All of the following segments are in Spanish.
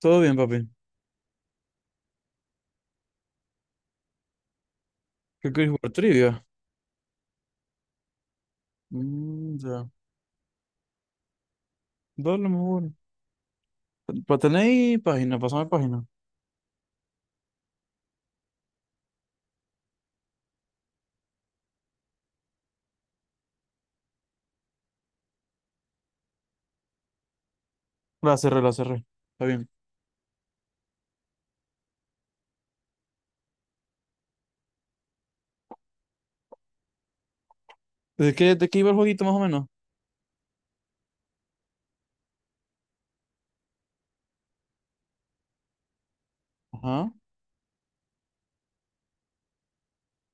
Todo bien, papi. ¿Qué quieres jugar? Trivia. Mm, ya. Dale, mejor. ¿Para tenéis página? Pásame página. La cerré, la cerré. Está bien. ¿De qué iba el jueguito más o menos? Ajá.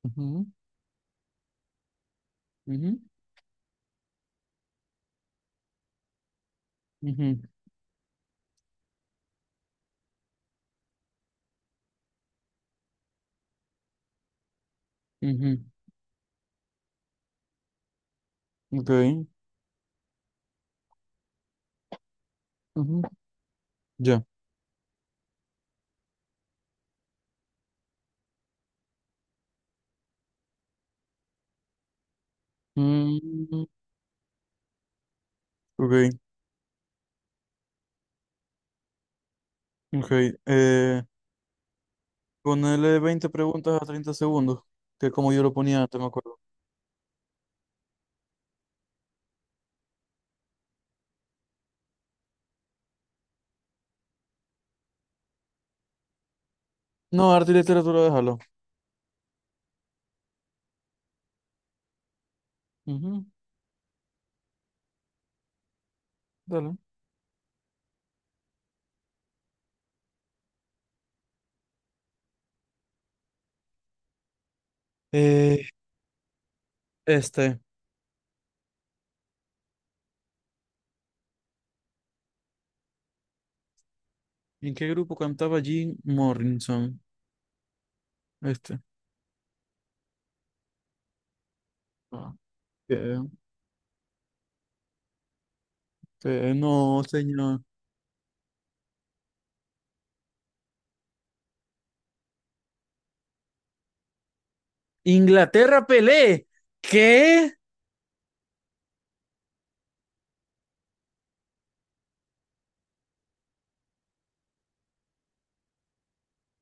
Ujú, ujú, ujú, ujú. Ok. Ujú. Ya. Mm, ok, ok. Eh, Ponele 20 preguntas a 30 segundos, que es como yo lo ponía antes, me acuerdo. No, arte y literatura, déjalo. Ujú. Dale. Eh, este. ¿En qué grupo cantaba Jim Morrison? Este. Ah, que- que no, señor. Inglaterra, Pelé. ¿Qué?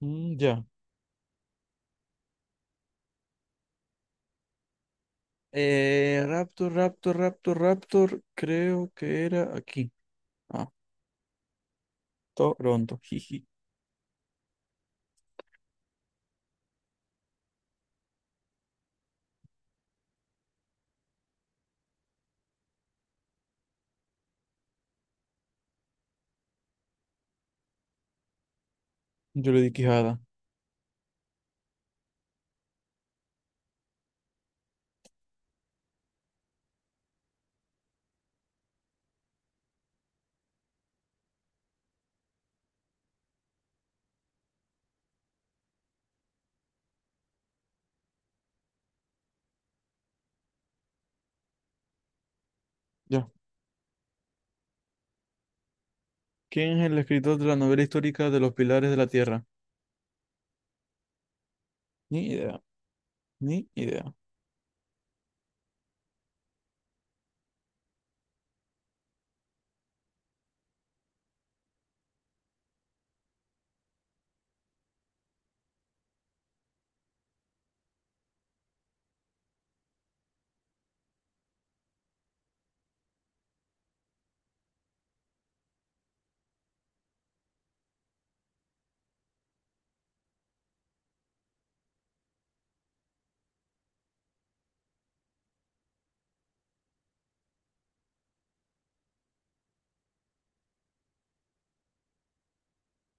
Mm, ya. Raptor, Raptor, Raptor, Raptor. Creo que era aquí. Ah, Toronto. Jiji. Yo le di quijada. Ya. ¿Quién es el escritor de la novela histórica de Los Pilares de la Tierra? Ni idea, ni idea.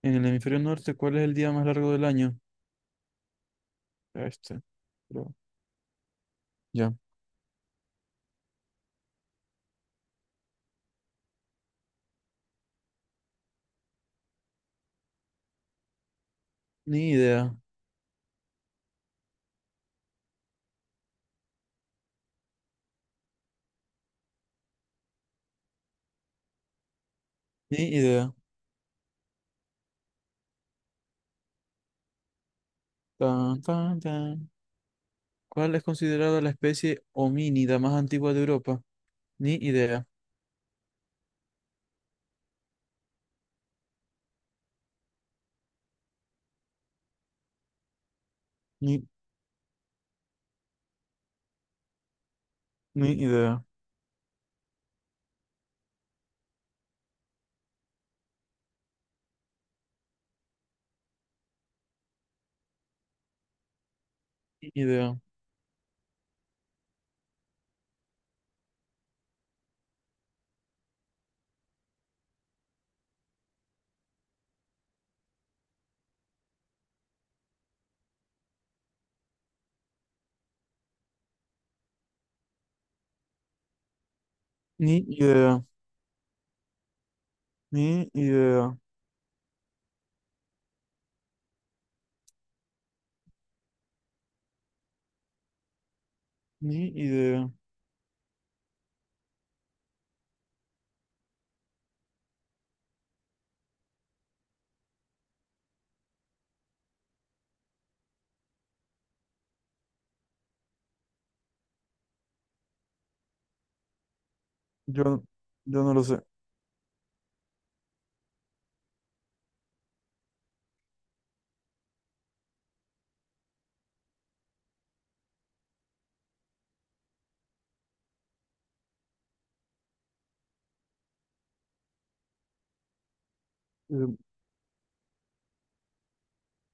En el hemisferio norte, ¿cuál es el día más largo del año? Este, creo. Ya. Ni idea, ni idea. Tan, tan, tan. ¿Cuál es considerada la especie homínida más antigua de Europa? Ni idea, ni, ni idea. Ni idea. Ni idea. Ni idea. Ni idea. Yo, yo no lo sé. Eh,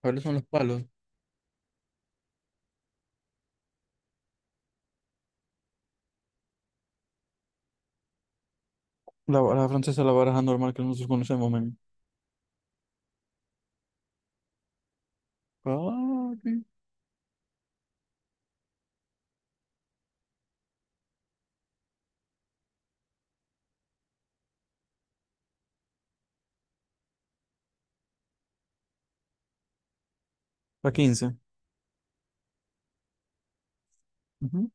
¿Cuáles son los palos? La baraja francesa, la baraja normal que nosotros conocemos, men. Papi. ¿La 15? Ujú.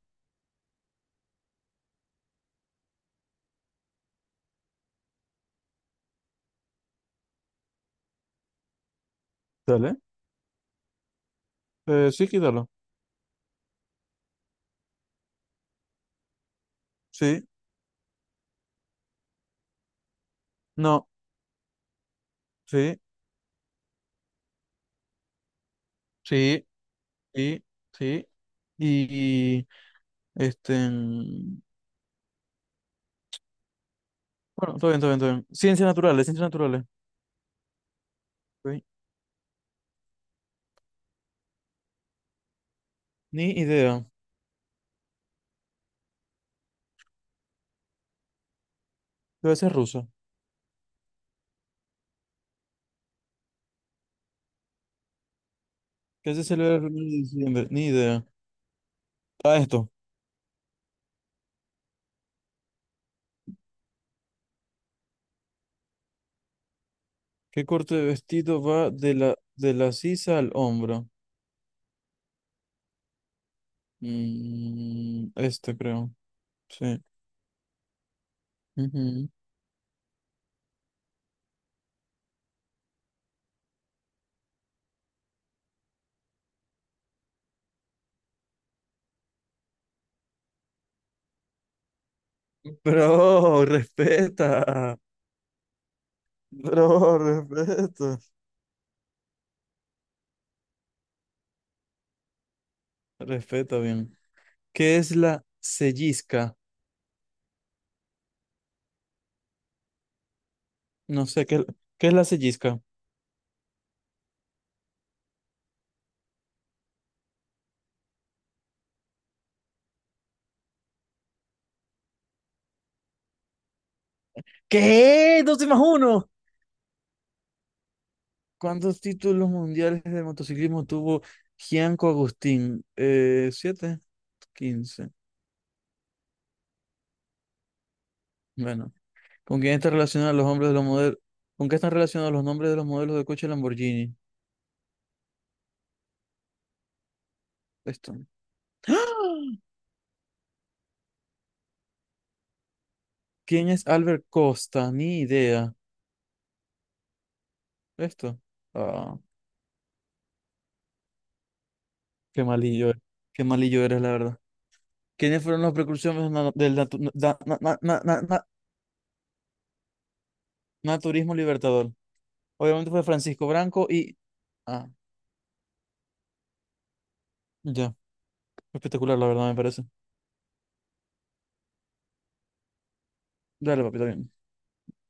Dale. Sí, quítalo. Sí. No. Sí. Sí. Sí. Sí. Y este. Mm, bueno, todo bien, todo bien, todo bien. Ciencias naturales, ciencias naturales. Ok. Ni idea. Debe ser ruso. ¿Qué se celebra el 1 de diciembre? Ni idea. Ah, esto. ¿Qué corte de vestido va de la sisa al hombro? Mm, este creo. Sí. Ujú. Bro, respeta. Bro, respeta. Respeta bien. ¿Qué es la sellisca? No sé, ¿qué es la sellisca? ¿Qué? ¿Dos y más uno? ¿Cuántos títulos mundiales de motociclismo tuvo Gianco Agustín? ¿Siete? 15. Bueno, ¿con quién están relacionados los hombres de los modelos? ¿Con qué están relacionados los nombres de los modelos de coche Lamborghini? Esto. ¡Ah! ¿Quién es Albert Costa? Ni idea. Esto. Ah, qué malillo eres. Qué malillo eres, la verdad. ¿Quiénes fueron los precursores na- del natu- da- na- na- na- na- na- naturismo libertador? Obviamente fue Francisco Branco y... Ah, ya. Espectacular, la verdad, me parece. Dale, papi, también